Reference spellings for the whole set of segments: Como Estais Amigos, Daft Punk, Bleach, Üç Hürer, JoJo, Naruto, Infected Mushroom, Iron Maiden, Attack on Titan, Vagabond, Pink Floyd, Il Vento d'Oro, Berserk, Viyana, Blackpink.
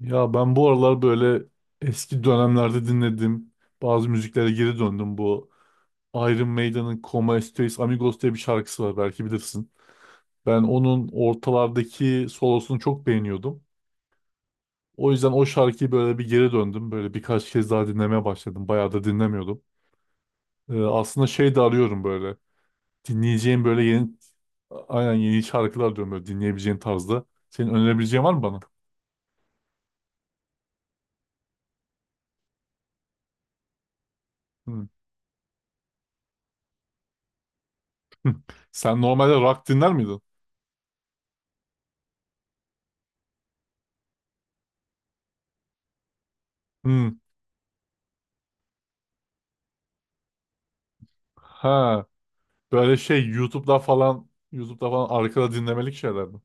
Ya ben bu aralar böyle eski dönemlerde dinlediğim bazı müziklere geri döndüm. Bu Iron Maiden'ın Como Estais Amigos diye bir şarkısı var, belki bilirsin. Ben onun ortalardaki solosunu çok beğeniyordum. O yüzden o şarkıyı böyle bir geri döndüm. Böyle birkaç kez daha dinlemeye başladım. Bayağı da dinlemiyordum. Aslında şey de arıyorum böyle. Dinleyeceğim böyle yeni, aynen yeni şarkılar diyorum, böyle dinleyebileceğin tarzda. Senin önerebileceğin var mı bana? Hmm. Sen normalde rock dinler miydin? Hmm. Ha. Böyle şey YouTube'da falan arkada dinlemelik şeyler mi?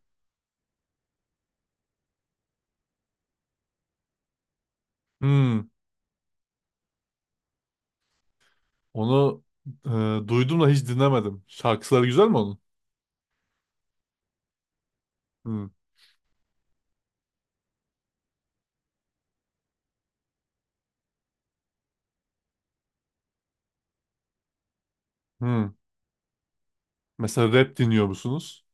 Hmm. Onu duydum da hiç dinlemedim. Şarkıları güzel mi onun? Hmm. Hmm. Mesela rap dinliyor musunuz?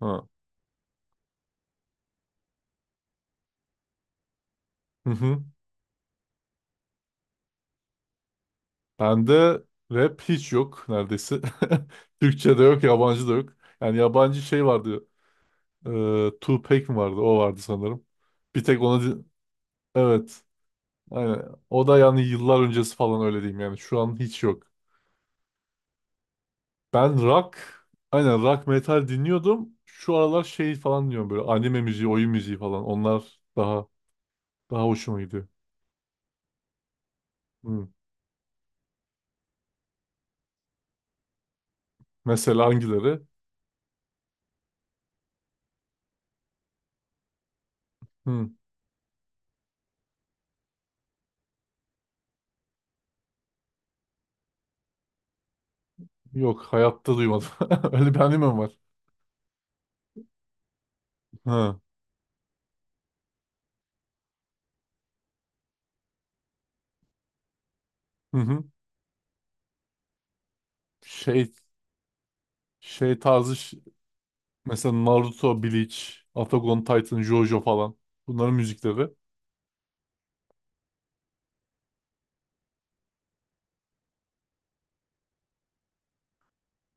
Ha. Hı hı. Bende rap hiç yok neredeyse. Türkçe de yok, yabancı da yok. Yani yabancı şey vardı. E, Tupac mi vardı? O vardı sanırım. Bir tek onu din- Evet. Aynen. O da yani yıllar öncesi falan, öyle diyeyim yani. Şu an hiç yok. Ben rock, aynen rock metal dinliyordum. Şu aralar şey falan diyorum, böyle anime müziği, oyun müziği falan. Onlar daha hoşuma gidiyor. Hı. Mesela hangileri? Hı. Yok, hayatta duymadım. Öyle bir anime mi var? Ha. Hı hı. Şey şey tarzı ş- mesela Naruto, Bleach, Attack on Titan, JoJo falan. Bunların müzikleri.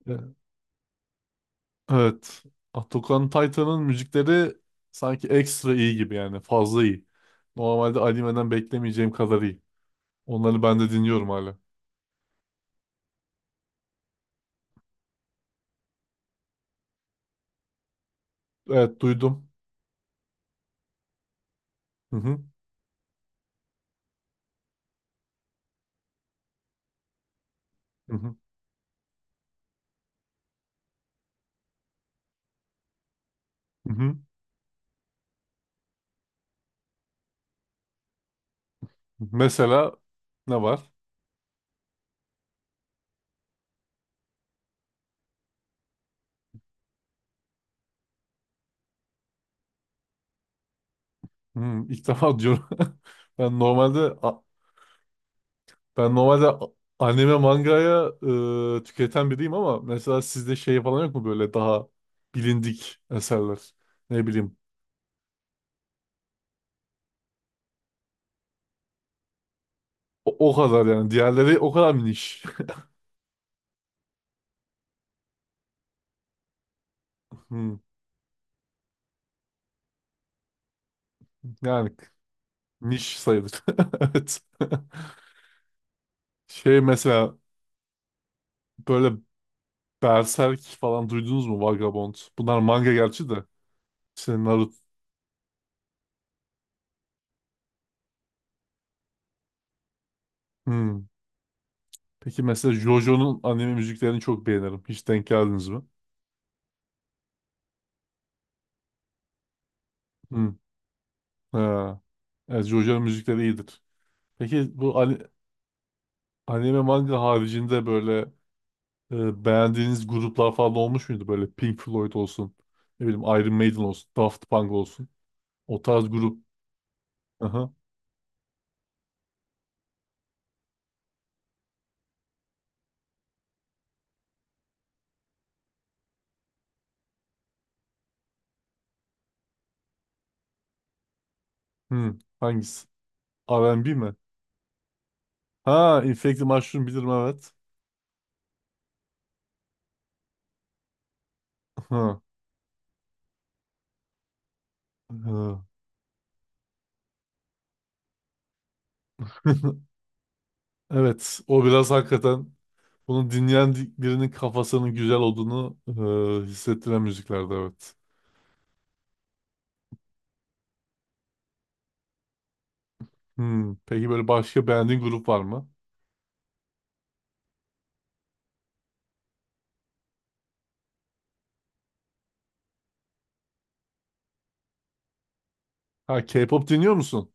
E- Evet. Attack on Titan'ın müzikleri sanki ekstra iyi gibi, yani fazla iyi. Normalde animeden beklemeyeceğim kadar iyi. Onları ben de dinliyorum hala. Evet, duydum. Hı hı. Hı hı. Hı hı. Mesela ne var? Hı, ilk defa diyorum. Ben normalde a- ben normalde a- anime mangaya tüketen biriyim, ama mesela sizde şey falan yok mu, böyle daha bilindik eserler? Ne bileyim. O kadar yani. Diğerleri o kadar mı niş? Hı, yani niş sayılır. Evet. Şey mesela böyle Berserk falan duydunuz mu? Vagabond. Bunlar manga gerçi de. İşte Naruto. Hmm. Peki mesela JoJo'nun anime müziklerini çok beğenirim. Hiç denk geldiniz mi? Hmm. Ha. Evet, JoJo'nun müzikleri iyidir. Peki bu anime manga haricinde böyle beğendiğiniz gruplar falan olmuş muydu? Böyle Pink Floyd olsun, ne bileyim Iron Maiden olsun, Daft Punk olsun. O tarz grup. Aha. Hmm. Hangisi? R&B mi? Ha, Infected Mushroom bilirim, evet. Ha. Ha. Evet, o biraz hakikaten. Birinin kafasının güzel olduğunu hissettiren müziklerde, evet. Hmm. Peki böyle başka beğendiğin grup var mı? Ha, K-pop dinliyor musun?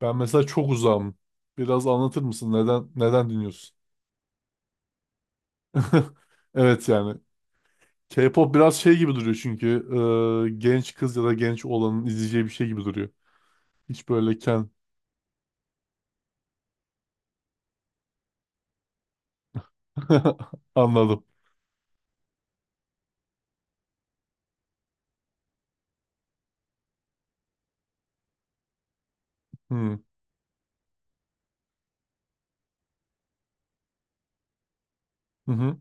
Ben mesela çok uzağım. Biraz anlatır mısın? Neden dinliyorsun? Evet yani. K-pop biraz şey gibi duruyor, çünkü genç kız ya da genç olanın izleyeceği bir şey gibi duruyor. Hiç böyle ken anladım. Hmm. Hı hı.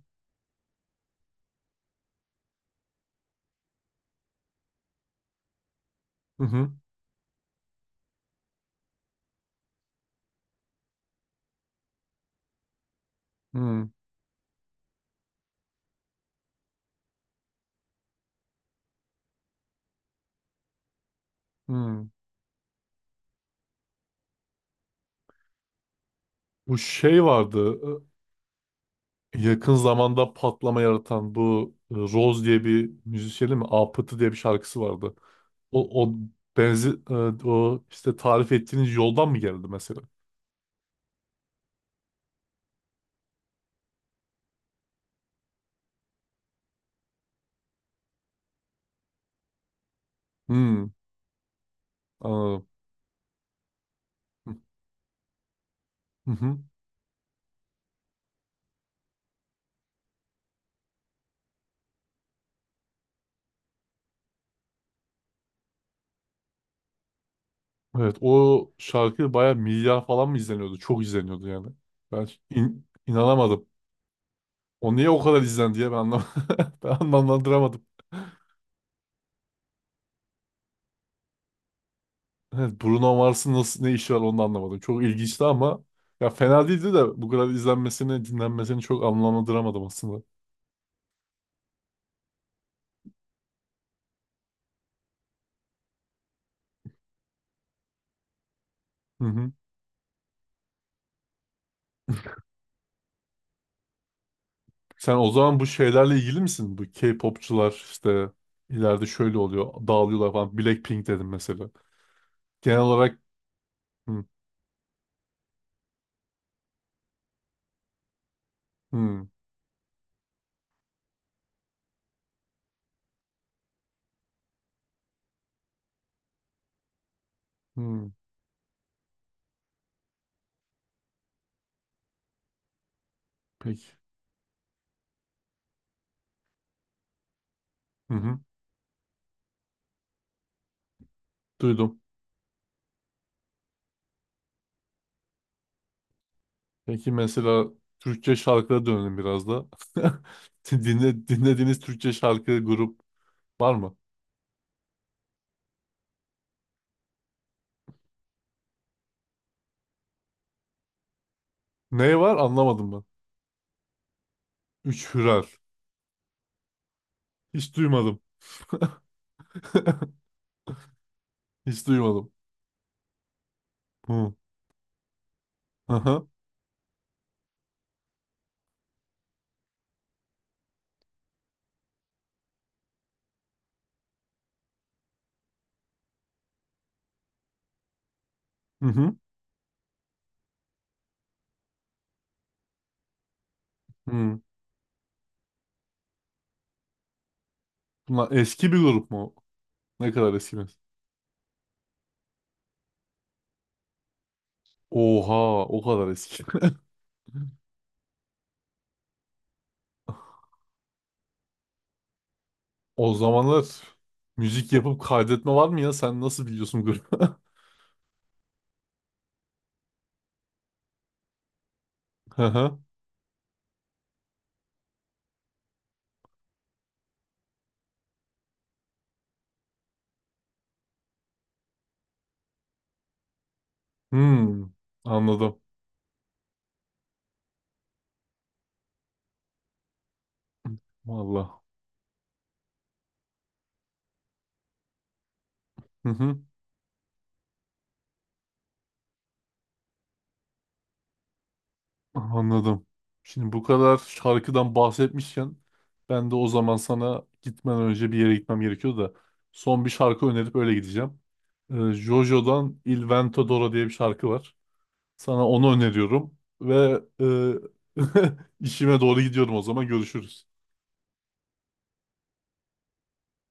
Hı hı. Hı hı. Bu şey vardı. Yakın zamanda patlama yaratan bu Rose diye bir müzisyenin mi? Apıtı diye bir şarkısı vardı. O, o benzi e, o işte tarif ettiğiniz yoldan mı geldi mesela? Hmm, anladım. Hı hı. Hı. Evet, o şarkı baya milyar falan mı izleniyordu? Çok izleniyordu yani. İnanamadım. O niye o kadar izlendi diye ben anlam ben anlamlandıramadım. Evet, Bruno Mars'ın nasıl ne işi var, onu da anlamadım. Çok ilginçti ama, ya fena değildi de, bu kadar izlenmesini, dinlenmesini çok anlamlandıramadım aslında. Hı hı. Sen o zaman bu şeylerle ilgili misin? Bu K-popçular işte ileride şöyle oluyor, dağılıyorlar falan. Blackpink dedim mesela. Genel olarak. Hı hı. Hı. Peki. Hı hı. Duydum. Peki mesela Türkçe şarkılara dönelim biraz da. Dinlediğiniz Türkçe şarkı grup var mı? Ne var, anlamadım ben. Üç Hürer. Hiç duymadım. Hiç duymadım. Hı. Aha. Hı hı. Hı. Bunlar eski bir grup mu? Ne kadar eskiler? Oha, o kadar eski. O zamanlar müzik yapıp kaydetme var mı ya? Sen nasıl biliyorsun grubu? Hı hı. Hmm, anladım. Vallahi. Hı hı. Anladım. Şimdi bu kadar şarkıdan bahsetmişken ben de o zaman, sana gitmeden önce bir yere gitmem gerekiyor da, son bir şarkı önerip öyle gideceğim. Jojo'dan Il Vento d'Oro diye bir şarkı var. Sana onu öneriyorum ve e, işime doğru gidiyorum, o zaman görüşürüz.